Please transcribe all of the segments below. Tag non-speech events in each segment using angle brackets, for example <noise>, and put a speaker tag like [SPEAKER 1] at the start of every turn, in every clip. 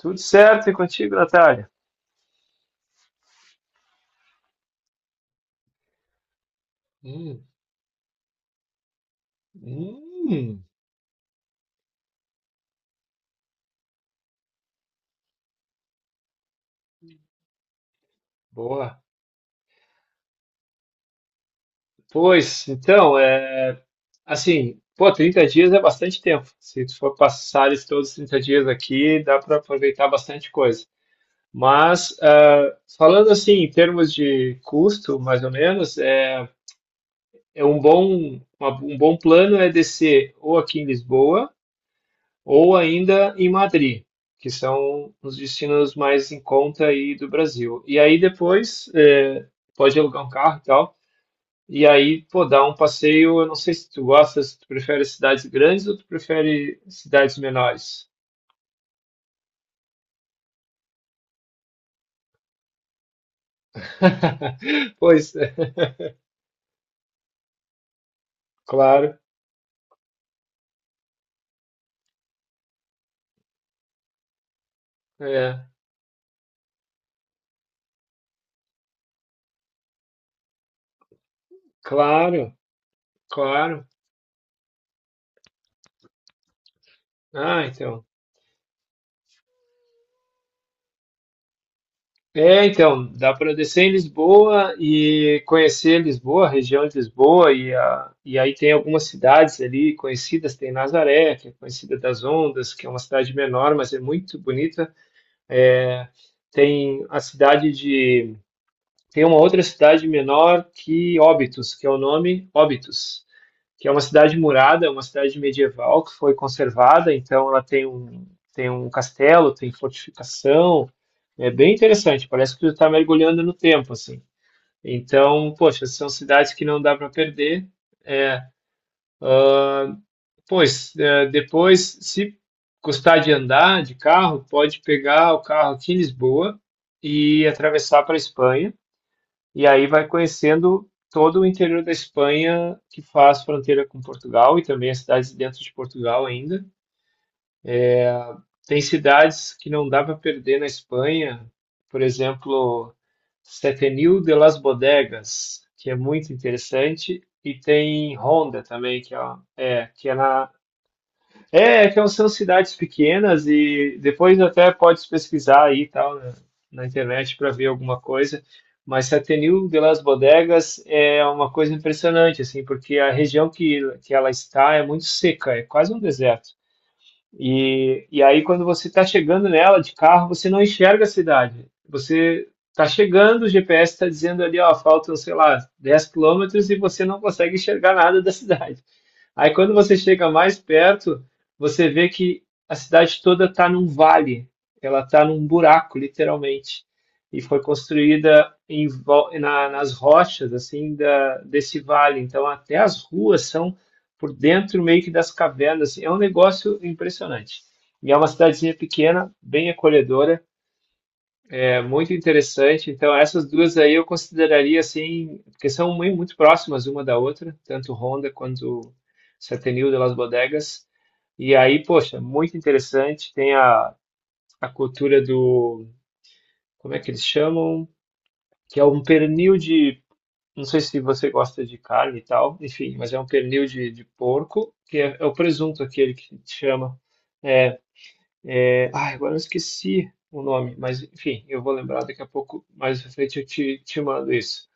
[SPEAKER 1] Tudo certo e contigo, Natália? Hum, hum, boa. Pois, então, assim, pô, 30 dias é bastante tempo. Se tu for passar esses todos os 30 dias aqui, dá para aproveitar bastante coisa. Mas, falando assim, em termos de custo, mais ou menos, é um bom, um bom plano é descer ou aqui em Lisboa, ou ainda em Madrid, que são os destinos mais em conta aí do Brasil. E aí depois pode alugar um carro e tal, e aí pô, dar um passeio. Eu não sei se tu gosta, se tu prefere cidades grandes ou tu prefere cidades menores. <laughs> Pois claro, é, claro, claro. Ah, então. É, então, dá para descer em Lisboa e conhecer Lisboa, a região de Lisboa, e aí tem algumas cidades ali conhecidas, tem Nazaré, que é conhecida das ondas, que é uma cidade menor, mas é muito bonita. Tem a cidade de, Tem uma outra cidade menor que Óbitos, que é o nome Óbitos, que é uma cidade murada, é uma cidade medieval que foi conservada, então ela tem um castelo, tem fortificação, é bem interessante, parece que tu está mergulhando no tempo, assim. Então, poxa, são cidades que não dá para perder. É, pois, é, depois, se custar de andar de carro, pode pegar o carro aqui em Lisboa e atravessar para a Espanha. E aí vai conhecendo todo o interior da Espanha que faz fronteira com Portugal e também as cidades dentro de Portugal ainda. Tem cidades que não dá para perder na Espanha, por exemplo, Setenil de las Bodegas, que é muito interessante, e tem Ronda também, que é, é, que é na é, que é um,, são cidades pequenas e depois até pode pesquisar aí e tal na internet para ver alguma coisa. Mas Setenil de las Bodegas é uma coisa impressionante assim, porque a região que ela está é muito seca, é quase um deserto. E aí, quando você está chegando nela de carro, você não enxerga a cidade. Você está chegando, o GPS está dizendo ali, ó, faltam, sei lá, 10 km e você não consegue enxergar nada da cidade. Aí quando você chega mais perto, você vê que a cidade toda está num vale, ela está num buraco, literalmente. E foi construída nas rochas assim desse vale. Então até as ruas são por dentro meio que das cavernas. É um negócio impressionante. E é uma cidadezinha pequena, bem acolhedora. É muito interessante. Então, essas duas aí eu consideraria assim, porque são muito próximas uma da outra, tanto Honda quanto Setenil de Las Bodegas. E aí, poxa, muito interessante. A cultura do, como é que eles chamam? Que é um pernil de, Não sei se você gosta de carne e tal, enfim, mas é um pernil de porco, que é o presunto aquele que chama. É, ai, agora eu esqueci o nome, mas enfim, eu vou lembrar daqui a pouco, mais pra frente eu te mando isso.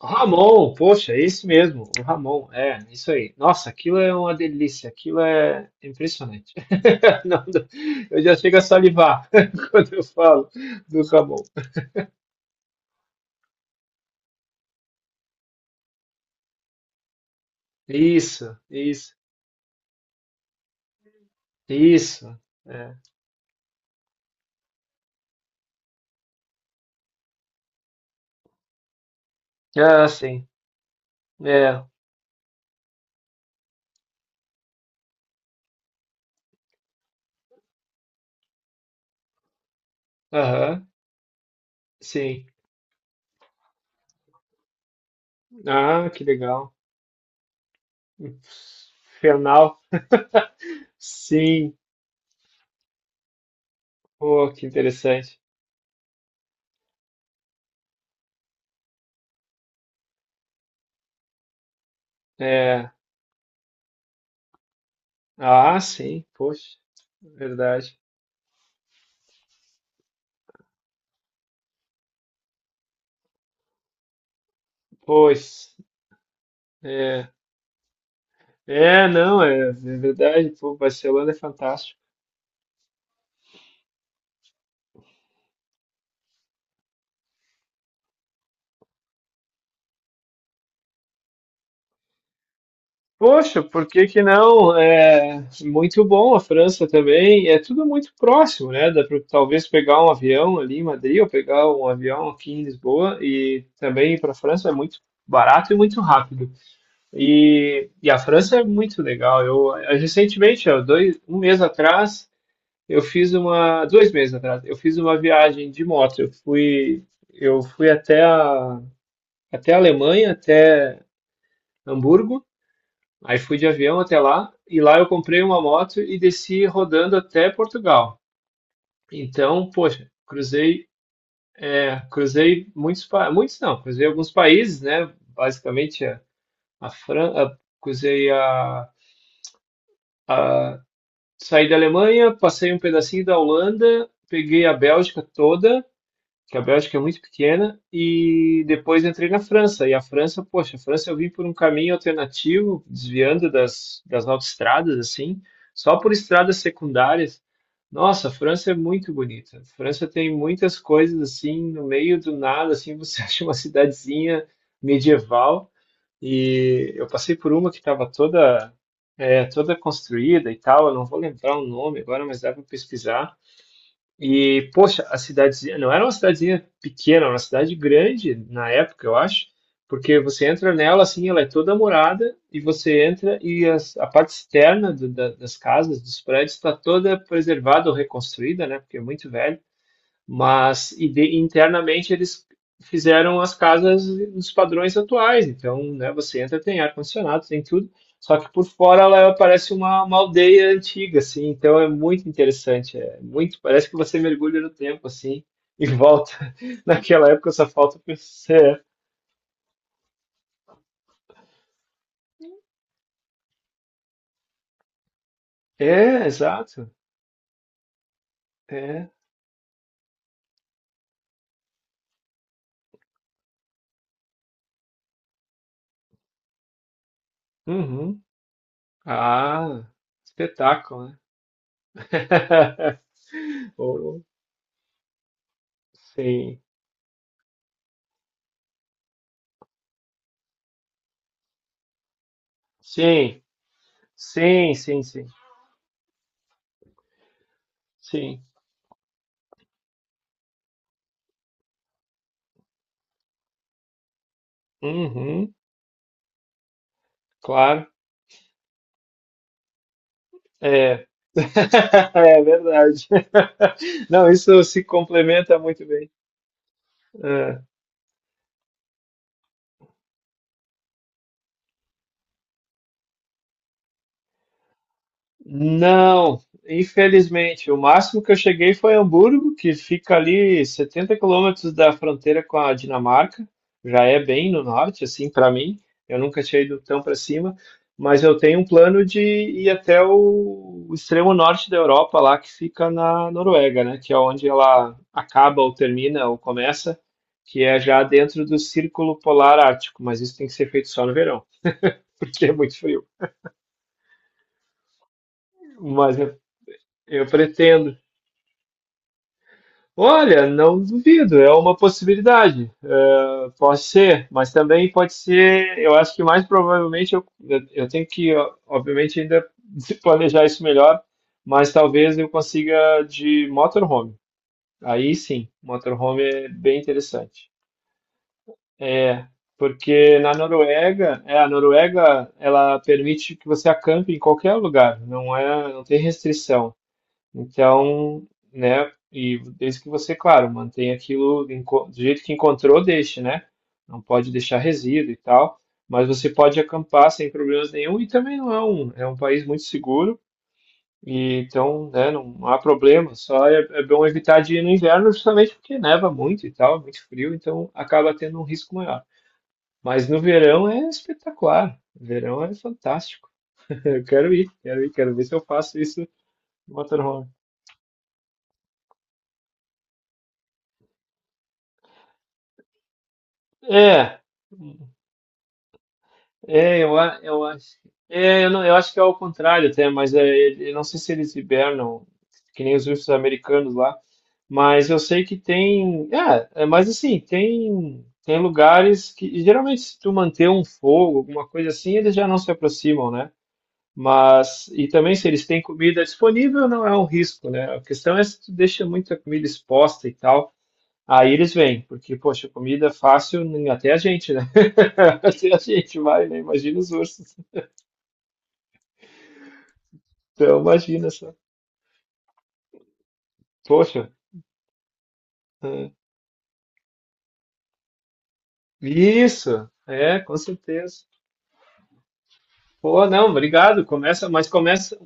[SPEAKER 1] Ramon, poxa, é esse mesmo, o Ramon, é, isso aí. Nossa, aquilo é uma delícia, aquilo é impressionante. <laughs> Não eu já chego a salivar <laughs> quando eu falo do Ramon. Isso, isso, isso. É. Ah, sim, é, aham, sim. Ah, que legal. Fernal, sim, pô, que interessante. É, ah, sim, poxa, verdade. Pois. É. É, não, é, é verdade, pô, Barcelona é fantástico. Poxa, por que que não? É muito bom a França também, é tudo muito próximo, né? Dá para talvez pegar um avião ali em Madrid ou pegar um avião aqui em Lisboa e também ir para a França é muito barato e muito rápido. E a França é muito legal. Eu recentemente, ó, um mês atrás, eu fiz dois meses atrás, eu fiz uma viagem de moto. Eu fui até a Alemanha, até Hamburgo. Aí fui de avião até lá e lá eu comprei uma moto e desci rodando até Portugal. Então, poxa, cruzei muitos, muitos não, cruzei alguns países, né? Basicamente a França, cruzei a saí da Alemanha, passei um pedacinho da Holanda, peguei a Bélgica toda que a Bélgica é muito pequena, e depois entrei na França. E a França, poxa, a França eu vim por um caminho alternativo, desviando das autoestradas, assim, só por estradas secundárias. Nossa, a França é muito bonita. A França tem muitas coisas assim, no meio do nada, assim, você <laughs> acha uma cidadezinha medieval. E eu passei por uma que estava toda construída e tal. Eu não vou lembrar o nome agora, mas dá para pesquisar. E, poxa, a cidadezinha não era uma cidadezinha pequena, era uma cidade grande na época, eu acho, porque você entra nela assim, ela é toda morada, e você entra e a parte externa das casas, dos prédios, está toda preservada ou reconstruída, né? Porque é muito velho. Mas internamente eles fizeram as casas nos padrões atuais. Então, né, você entra, tem ar-condicionado, tem tudo. Só que por fora ela parece uma aldeia antiga, assim. Então é muito interessante. É muito, parece que você mergulha no tempo, assim, e volta. <laughs> Naquela época só falta você. É, É, exato. É. Uhum. Ah, espetáculo, né? <laughs> Oh, sim. Sim, sim, sim, sim. Sim. Uhum, claro, é. <laughs> É verdade. <laughs> Não, isso se complementa muito bem. Não, infelizmente. O máximo que eu cheguei foi Hamburgo, que fica ali 70 km da fronteira com a Dinamarca. Já é bem no norte, assim, para mim. Eu nunca tinha ido tão para cima, mas eu tenho um plano de ir até o extremo norte da Europa, lá que fica na Noruega, né? Que é onde ela acaba ou termina ou começa, que é já dentro do Círculo Polar Ártico. Mas isso tem que ser feito só no verão, <laughs> porque é muito frio. Mas eu pretendo. Olha, não duvido, é uma possibilidade. É, pode ser, mas também pode ser. Eu acho que mais provavelmente eu tenho que, ó, obviamente, ainda <laughs> planejar isso melhor, mas talvez eu consiga de motorhome. Aí sim, motorhome é bem interessante. É, porque na Noruega, é, a Noruega, ela permite que você acampe em qualquer lugar, não é, não tem restrição. Então, né? E desde que você, claro, mantenha aquilo do jeito que encontrou, deixe, né? Não pode deixar resíduo e tal. Mas você pode acampar sem problemas nenhum e também não é um, é um país muito seguro. E então, né, não há problema. Só É é bom evitar de ir no inverno justamente porque neva muito e tal, é muito frio, então acaba tendo um risco maior. Mas no verão é espetacular. O verão é fantástico. <laughs> Eu quero ir, quero ir, quero ver se eu faço isso no motorhome. É. Eu acho. É, eu, não, Eu acho que é ao contrário até, mas eu não sei se eles hibernam, que nem os ursos americanos lá, mas eu sei que tem. Mas assim, tem lugares que geralmente se tu manter um fogo, alguma coisa assim, eles já não se aproximam, né? Mas, e também se eles têm comida disponível, não é um risco, né? A questão é se tu deixa muita comida exposta e tal, aí eles vêm, porque, poxa, comida fácil, até a gente, né? <laughs> Até a gente vai, né? Imagina os ursos. Então, imagina só. Poxa, é. Isso, é, com certeza. Pô, não, obrigado. Começa, mas começa.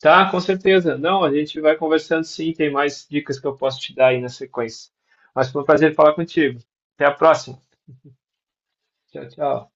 [SPEAKER 1] Tá, com certeza. Não, a gente vai conversando sim, tem mais dicas que eu posso te dar aí na sequência. Mas foi um prazer falar contigo. Até a próxima. Tchau, tchau.